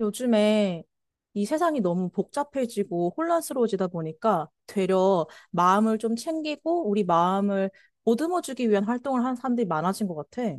요즘에 이 세상이 너무 복잡해지고 혼란스러워지다 보니까 되려 마음을 좀 챙기고 우리 마음을 보듬어주기 위한 활동을 하는 사람들이 많아진 것 같아.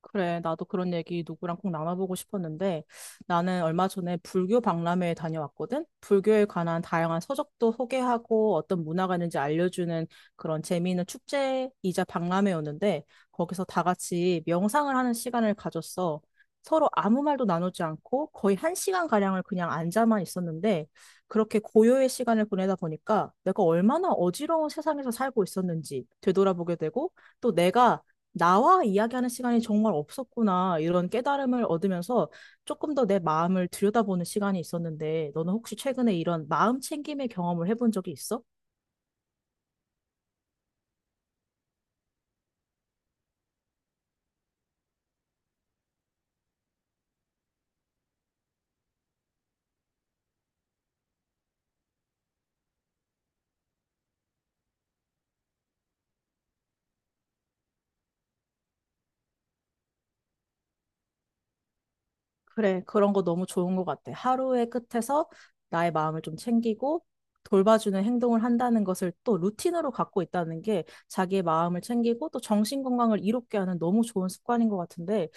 그래, 나도 그런 얘기 누구랑 꼭 나눠보고 싶었는데, 나는 얼마 전에 불교 박람회에 다녀왔거든? 불교에 관한 다양한 서적도 소개하고 어떤 문화가 있는지 알려주는 그런 재미있는 축제이자 박람회였는데, 거기서 다 같이 명상을 하는 시간을 가졌어. 서로 아무 말도 나누지 않고 거의 한 시간가량을 그냥 앉아만 있었는데, 그렇게 고요의 시간을 보내다 보니까 내가 얼마나 어지러운 세상에서 살고 있었는지 되돌아보게 되고, 또 내가 나와 이야기하는 시간이 정말 없었구나, 이런 깨달음을 얻으면서 조금 더 내 마음을 들여다보는 시간이 있었는데, 너는 혹시 최근에 이런 마음 챙김의 경험을 해본 적이 있어? 그래, 그런 거 너무 좋은 것 같아. 하루의 끝에서 나의 마음을 좀 챙기고 돌봐주는 행동을 한다는 것을 또 루틴으로 갖고 있다는 게, 자기의 마음을 챙기고 또 정신 건강을 이롭게 하는 너무 좋은 습관인 것 같은데,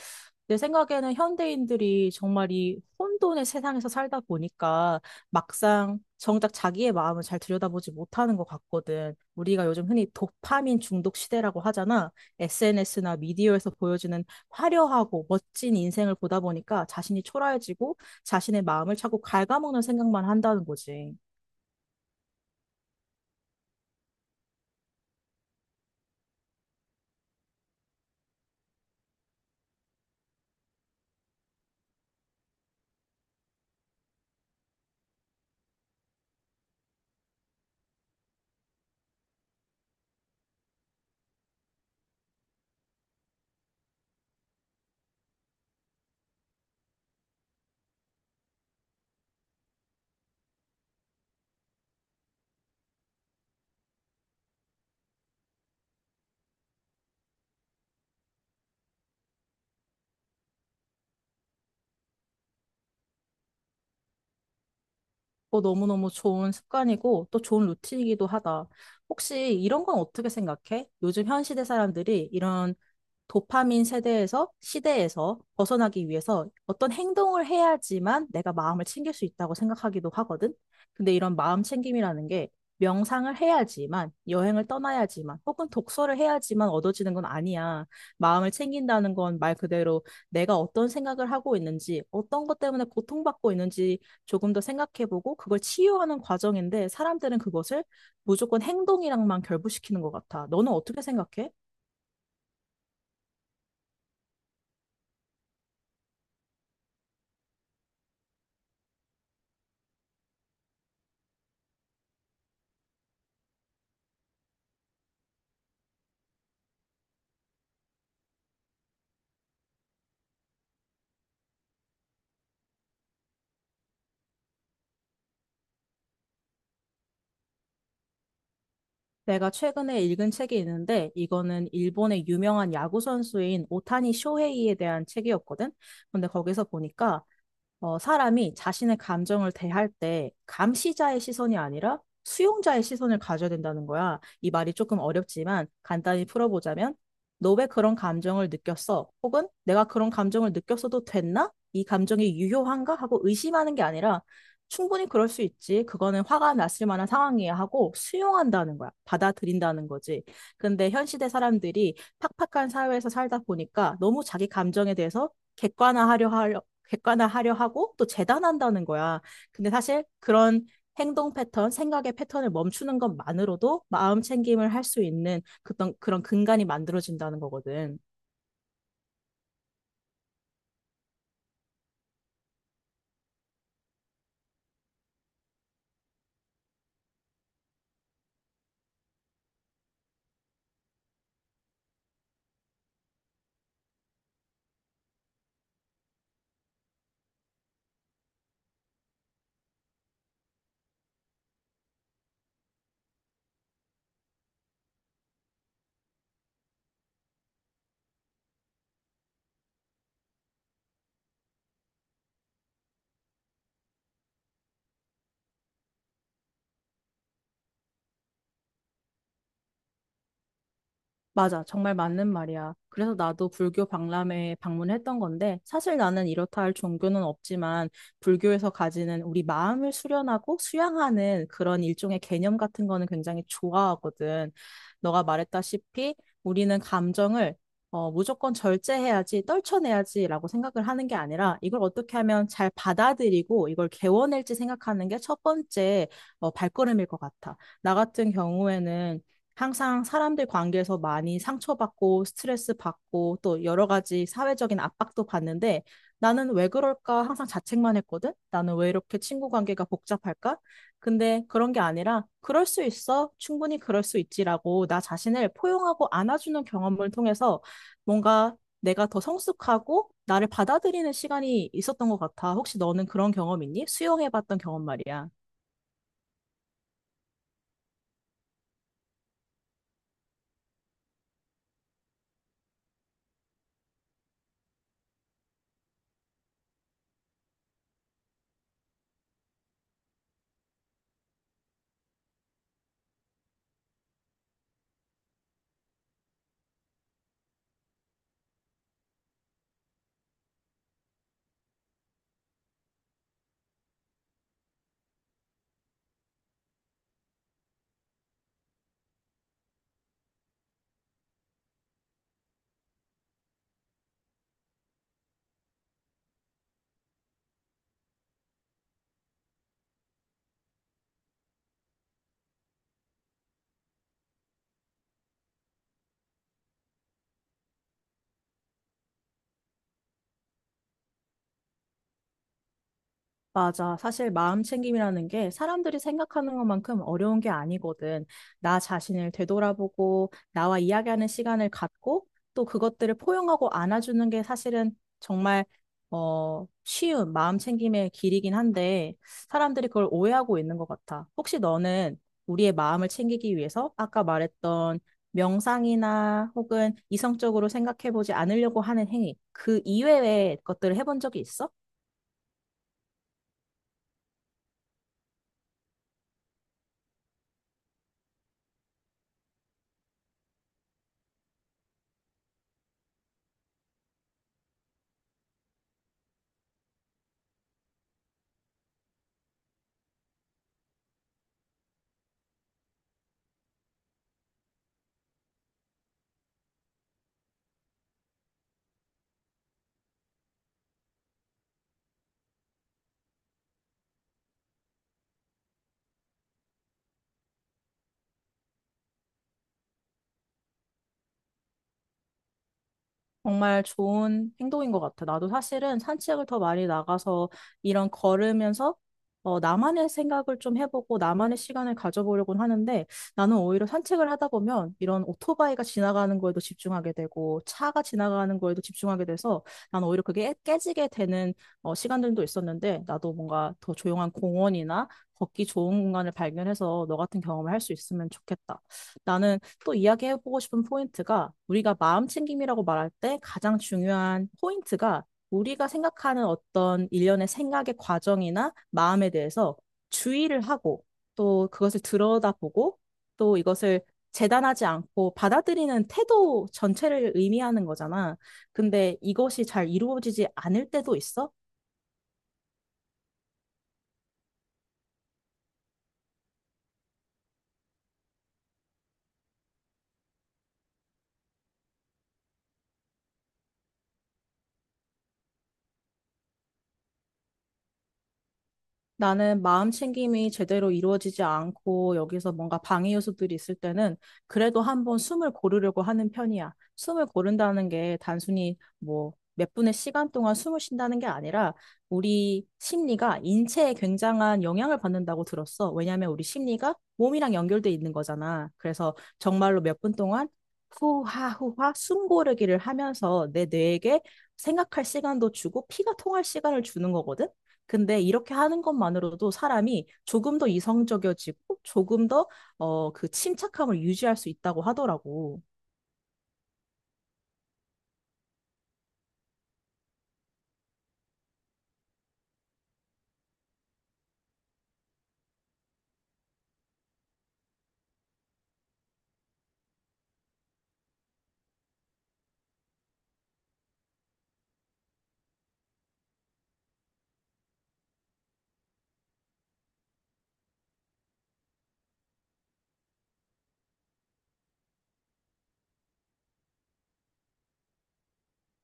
내 생각에는 현대인들이 정말 이 혼돈의 세상에서 살다 보니까 막상 정작 자기의 마음을 잘 들여다보지 못하는 것 같거든. 우리가 요즘 흔히 도파민 중독 시대라고 하잖아. SNS나 미디어에서 보여주는 화려하고 멋진 인생을 보다 보니까 자신이 초라해지고 자신의 마음을 자꾸 갉아먹는 생각만 한다는 거지. 너무너무 좋은 습관이고 또 좋은 루틴이기도 하다. 혹시 이런 건 어떻게 생각해? 요즘 현 시대 사람들이 이런 도파민 세대에서 시대에서 벗어나기 위해서 어떤 행동을 해야지만 내가 마음을 챙길 수 있다고 생각하기도 하거든. 근데 이런 마음 챙김이라는 게 명상을 해야지만, 여행을 떠나야지만, 혹은 독서를 해야지만 얻어지는 건 아니야. 마음을 챙긴다는 건 말 그대로 내가 어떤 생각을 하고 있는지, 어떤 것 때문에 고통받고 있는지 조금 더 생각해보고 그걸 치유하는 과정인데, 사람들은 그것을 무조건 행동이랑만 결부시키는 것 같아. 너는 어떻게 생각해? 내가 최근에 읽은 책이 있는데, 이거는 일본의 유명한 야구 선수인 오타니 쇼헤이에 대한 책이었거든. 근데 거기서 보니까 사람이 자신의 감정을 대할 때 감시자의 시선이 아니라 수용자의 시선을 가져야 된다는 거야. 이 말이 조금 어렵지만 간단히 풀어보자면, 너 왜 그런 감정을 느꼈어? 혹은 내가 그런 감정을 느꼈어도 됐나? 이 감정이 유효한가? 하고 의심하는 게 아니라 충분히 그럴 수 있지, 그거는 화가 났을 만한 상황이야 하고 수용한다는 거야. 받아들인다는 거지. 근데 현 시대 사람들이 팍팍한 사회에서 살다 보니까 너무 자기 감정에 대해서 객관화하려 객관화하려 하고 또 재단한다는 거야. 근데 사실 그런 행동 패턴, 생각의 패턴을 멈추는 것만으로도 마음 챙김을 할 수 있는 그런 근간이 만들어진다는 거거든. 맞아. 정말 맞는 말이야. 그래서 나도 불교 박람회에 방문했던 건데, 사실 나는 이렇다 할 종교는 없지만, 불교에서 가지는 우리 마음을 수련하고 수양하는 그런 일종의 개념 같은 거는 굉장히 좋아하거든. 너가 말했다시피, 우리는 감정을 무조건 절제해야지, 떨쳐내야지라고 생각을 하는 게 아니라, 이걸 어떻게 하면 잘 받아들이고, 이걸 개워낼지 생각하는 게 첫 번째 발걸음일 것 같아. 나 같은 경우에는 항상 사람들 관계에서 많이 상처받고 스트레스 받고 또 여러 가지 사회적인 압박도 받는데, 나는 왜 그럴까 항상 자책만 했거든? 나는 왜 이렇게 친구 관계가 복잡할까? 근데 그런 게 아니라, 그럴 수 있어, 충분히 그럴 수 있지라고 나 자신을 포용하고 안아주는 경험을 통해서 뭔가 내가 더 성숙하고 나를 받아들이는 시간이 있었던 것 같아. 혹시 너는 그런 경험 있니? 수용해봤던 경험 말이야. 맞아. 사실 마음 챙김이라는 게 사람들이 생각하는 것만큼 어려운 게 아니거든. 나 자신을 되돌아보고 나와 이야기하는 시간을 갖고 또 그것들을 포용하고 안아주는 게 사실은 정말 쉬운 마음 챙김의 길이긴 한데, 사람들이 그걸 오해하고 있는 것 같아. 혹시 너는 우리의 마음을 챙기기 위해서 아까 말했던 명상이나 혹은 이성적으로 생각해보지 않으려고 하는 행위, 그 이외의 것들을 해본 적이 있어? 정말 좋은 행동인 것 같아. 나도 사실은 산책을 더 많이 나가서 이런 걸으면서 나만의 생각을 좀 해보고 나만의 시간을 가져보려고는 하는데, 나는 오히려 산책을 하다 보면 이런 오토바이가 지나가는 거에도 집중하게 되고 차가 지나가는 거에도 집중하게 돼서 나는 오히려 그게 깨지게 되는 시간들도 있었는데, 나도 뭔가 더 조용한 공원이나 걷기 좋은 공간을 발견해서 너 같은 경험을 할 수 있으면 좋겠다. 나는 또 이야기해보고 싶은 포인트가, 우리가 마음 챙김이라고 말할 때 가장 중요한 포인트가 우리가 생각하는 어떤 일련의 생각의 과정이나 마음에 대해서 주의를 하고 또 그것을 들여다보고 또 이것을 재단하지 않고 받아들이는 태도 전체를 의미하는 거잖아. 근데 이것이 잘 이루어지지 않을 때도 있어? 나는 마음 챙김이 제대로 이루어지지 않고 여기서 뭔가 방해 요소들이 있을 때는 그래도 한번 숨을 고르려고 하는 편이야. 숨을 고른다는 게 단순히 뭐 몇 분의 시간 동안 숨을 쉰다는 게 아니라, 우리 심리가 인체에 굉장한 영향을 받는다고 들었어. 왜냐하면 우리 심리가 몸이랑 연결돼 있는 거잖아. 그래서 정말로 몇 분 동안 후하 후하 숨 고르기를 하면서 내 뇌에게 생각할 시간도 주고 피가 통할 시간을 주는 거거든. 근데 이렇게 하는 것만으로도 사람이 조금 더 이성적이어지고 조금 더 그 침착함을 유지할 수 있다고 하더라고.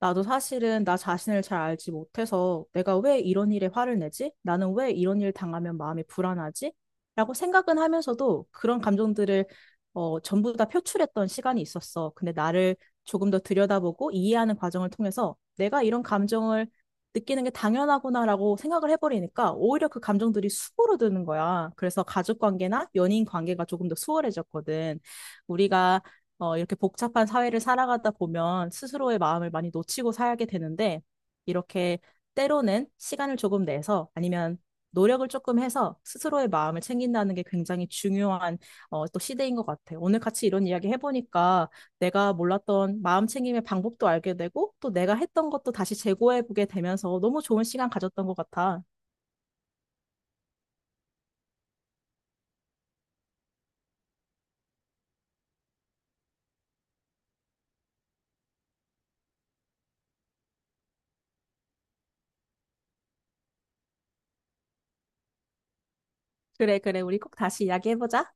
나도 사실은 나 자신을 잘 알지 못해서 내가 왜 이런 일에 화를 내지? 나는 왜 이런 일 당하면 마음이 불안하지? 라고 생각은 하면서도 그런 감정들을 전부 다 표출했던 시간이 있었어. 근데 나를 조금 더 들여다보고 이해하는 과정을 통해서 내가 이런 감정을 느끼는 게 당연하구나라고 생각을 해버리니까 오히려 그 감정들이 수그러드는 거야. 그래서 가족 관계나 연인 관계가 조금 더 수월해졌거든. 우리가 이렇게 복잡한 사회를 살아가다 보면 스스로의 마음을 많이 놓치고 살게 되는데, 이렇게 때로는 시간을 조금 내서 아니면 노력을 조금 해서 스스로의 마음을 챙긴다는 게 굉장히 중요한 또 시대인 것 같아요. 오늘 같이 이런 이야기 해보니까 내가 몰랐던 마음 챙김의 방법도 알게 되고 또 내가 했던 것도 다시 재고해보게 되면서 너무 좋은 시간 가졌던 것 같아. 그래, 그래. 우리 꼭 다시 이야기해보자.